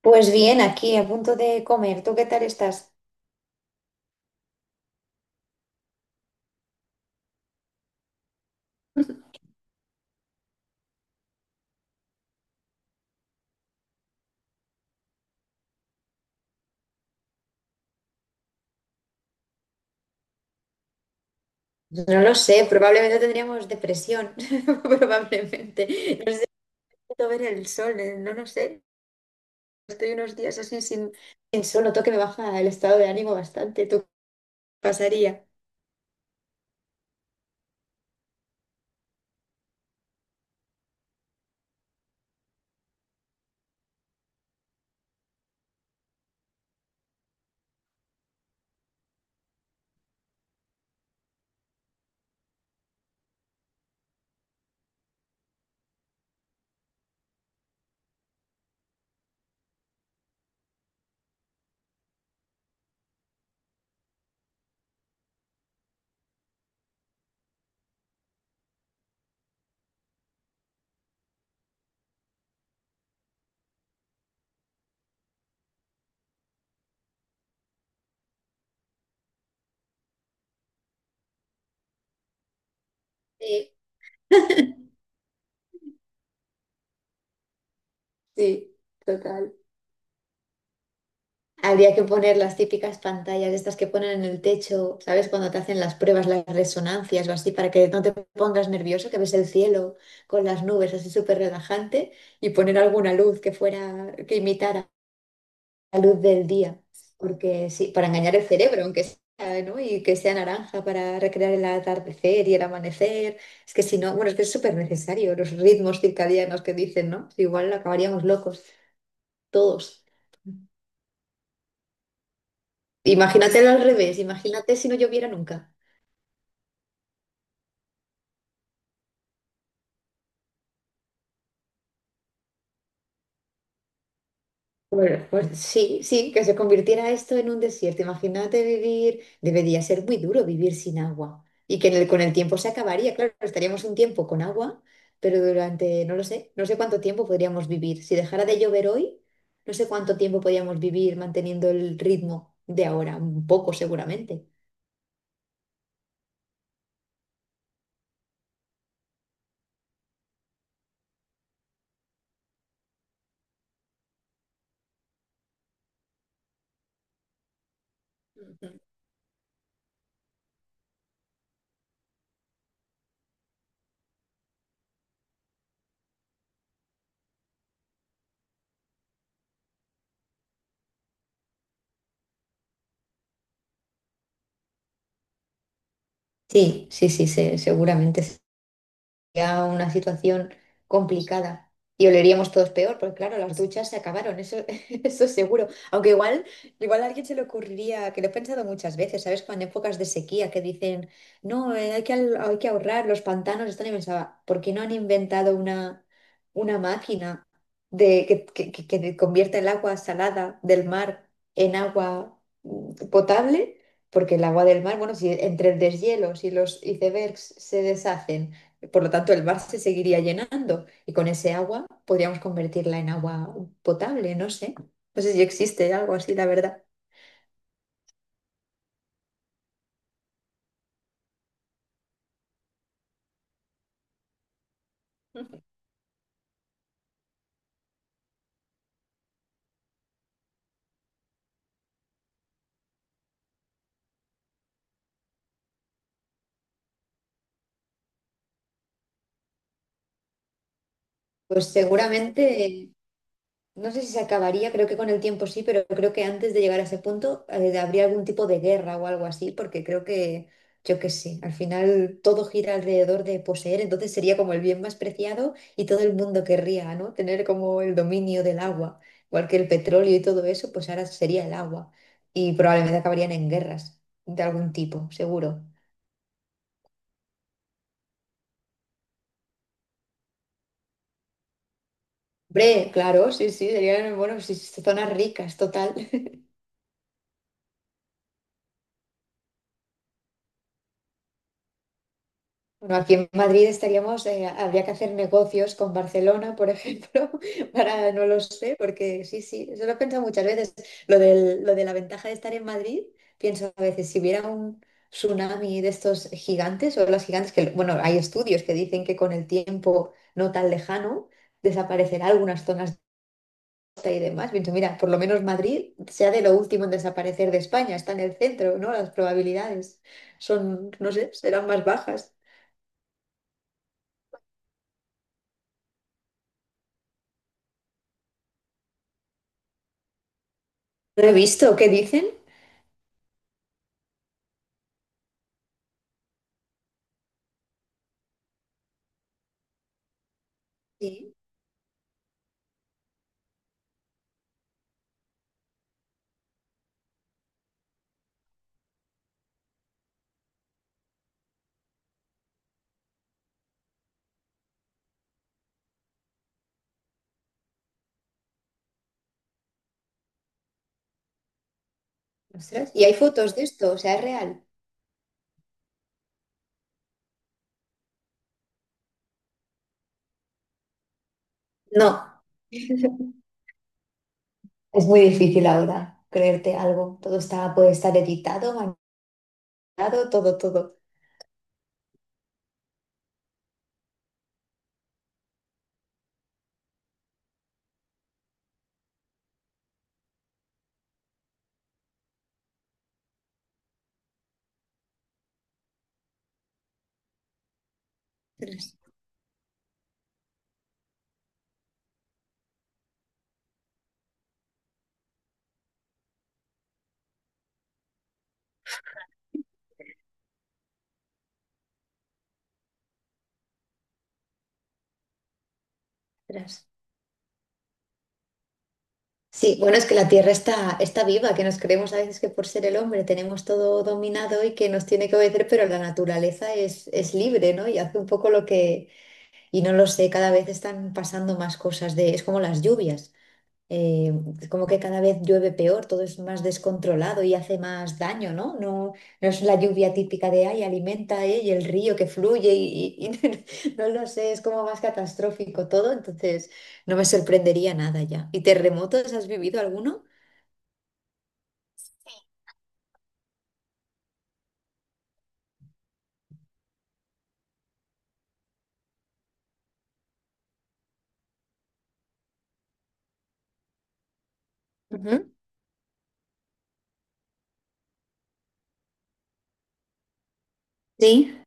Pues bien, aquí a punto de comer. ¿Tú qué tal estás? No lo sé, probablemente tendríamos depresión, probablemente. No sé, necesito ver el sol, no lo sé. Estoy unos días así sin, sin sol, noto que me baja el estado de ánimo bastante. ¿Tú qué pasaría? Sí. Sí, total. Habría que poner las típicas pantallas, estas que ponen en el techo, ¿sabes? Cuando te hacen las pruebas, las resonancias o así, para que no te pongas nervioso, que ves el cielo con las nubes así súper relajante y poner alguna luz que fuera, que imitara la luz del día, porque sí, para engañar el cerebro, aunque sea, ¿no? Y que sea naranja para recrear el atardecer y el amanecer. Es que si no, bueno, es que es súper necesario los ritmos circadianos que dicen, ¿no? Igual acabaríamos locos, todos. Imagínate al revés, imagínate si no lloviera nunca. Bueno, pues sí, sí, que se convirtiera esto en un desierto. Imagínate vivir, debería ser muy duro vivir sin agua y que con el tiempo se acabaría. Claro, estaríamos un tiempo con agua, pero durante, no lo sé, no sé cuánto tiempo podríamos vivir. Si dejara de llover hoy, no sé cuánto tiempo podríamos vivir manteniendo el ritmo de ahora, un poco seguramente. Ujú. Sí, sí, sí, seguramente sería una situación complicada y oleríamos todos peor, porque claro, las duchas se acabaron, eso, eso seguro. Aunque igual, igual a alguien se le ocurriría, que lo he pensado muchas veces, ¿sabes? Cuando en épocas de sequía que dicen, no, hay hay que ahorrar, los pantanos están, y pensaba, ¿por qué no han inventado una máquina de, que convierta el agua salada del mar en agua potable? Porque el agua del mar, bueno, si entre el deshielo, si los icebergs se deshacen, por lo tanto, el mar se seguiría llenando y con ese agua podríamos convertirla en agua potable, no sé. No sé si existe algo así, la verdad. Pues seguramente no sé si se acabaría, creo que con el tiempo sí, pero creo que antes de llegar a ese punto habría algún tipo de guerra o algo así, porque creo que, yo qué sé, al final todo gira alrededor de poseer, entonces sería como el bien más preciado y todo el mundo querría, ¿no? Tener como el dominio del agua, igual que el petróleo y todo eso, pues ahora sería el agua y probablemente acabarían en guerras de algún tipo, seguro. Hombre, claro, sí, sí, serían, bueno, sí, sí, zonas ricas, total. Bueno, aquí en Madrid estaríamos, habría que hacer negocios con Barcelona, por ejemplo, para, no lo sé, porque sí, sí, eso lo he pensado muchas veces. Lo de la ventaja de estar en Madrid, pienso a veces, si hubiera un tsunami de estos gigantes o las gigantes, que bueno, hay estudios que dicen que con el tiempo no tan lejano desaparecerá algunas zonas de costa y demás. Pienso, mira, por lo menos Madrid sea de lo último en desaparecer de España, está en el centro, ¿no? Las probabilidades son, no sé, serán más bajas. No he visto, ¿qué dicen? Sí, ostras. ¿Y hay fotos de esto? O sea, ¿es real? No, es muy difícil ahora creerte algo. Todo está, puede estar editado, manipulado, todo, todo. Ostras, ostras. Sí, bueno, es que la Tierra está, está viva, que nos creemos a veces que por ser el hombre tenemos todo dominado y que nos tiene que obedecer, pero la naturaleza es libre, ¿no? Y hace un poco lo que, y no lo sé, cada vez están pasando más cosas de, es como las lluvias. Eh, como que cada vez llueve peor, todo es más descontrolado y hace más daño, ¿no? No, no es la lluvia típica de ay, alimenta, y el río que fluye no lo sé, es como más catastrófico todo, entonces no me sorprendería nada ya. ¿Y terremotos has vivido alguno? Ujú. Sí,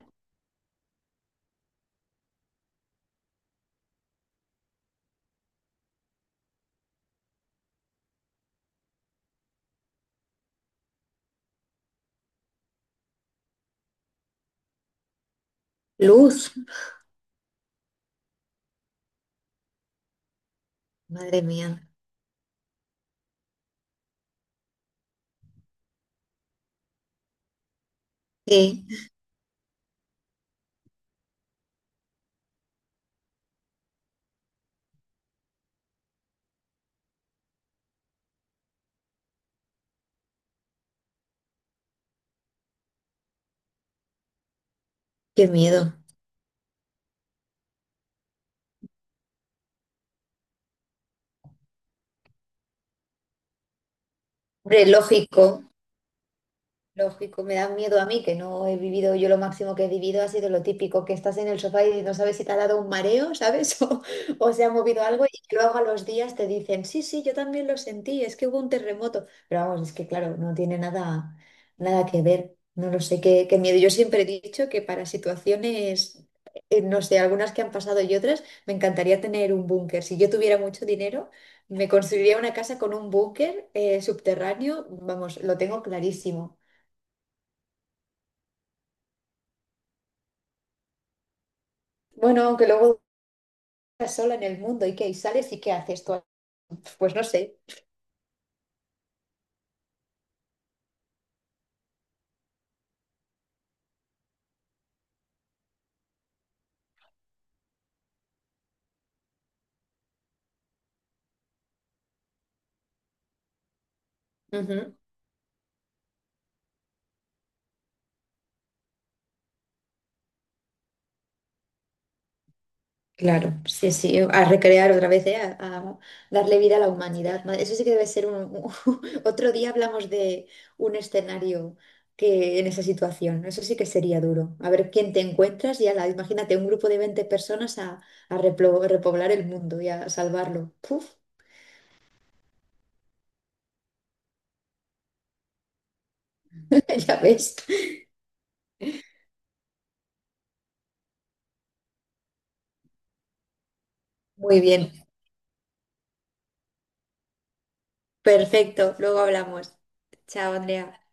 luz, madre mía, sí, qué miedo. Hombre, lógico. Lógico, me da miedo a mí que no he vivido, yo lo máximo que he vivido ha sido lo típico, que estás en el sofá y no sabes si te ha dado un mareo, ¿sabes? O, o se ha movido algo y que luego a los días te dicen, sí, sí, yo también lo sentí, es que hubo un terremoto. Pero vamos, es que claro, no tiene nada, nada que ver, no lo sé, qué, qué miedo. Yo siempre he dicho que para situaciones, no sé, algunas que han pasado y otras, me encantaría tener un búnker. Si yo tuviera mucho dinero... Me construiría una casa con un búnker subterráneo, vamos, lo tengo clarísimo. Bueno, aunque luego estás sola en el mundo y que sales y qué haces tú, pues no sé. Ujú, claro, sí, sí, a recrear otra vez, ¿eh? A darle vida a la humanidad. Eso sí que debe ser un... Otro día hablamos de un escenario que en esa situación, ¿no? Eso sí que sería duro. A ver quién te encuentras y ala, imagínate un grupo de 20 personas a repoblar el mundo y a salvarlo. Puf, ya ves. Muy bien, perfecto, luego hablamos. Chao, Andrea.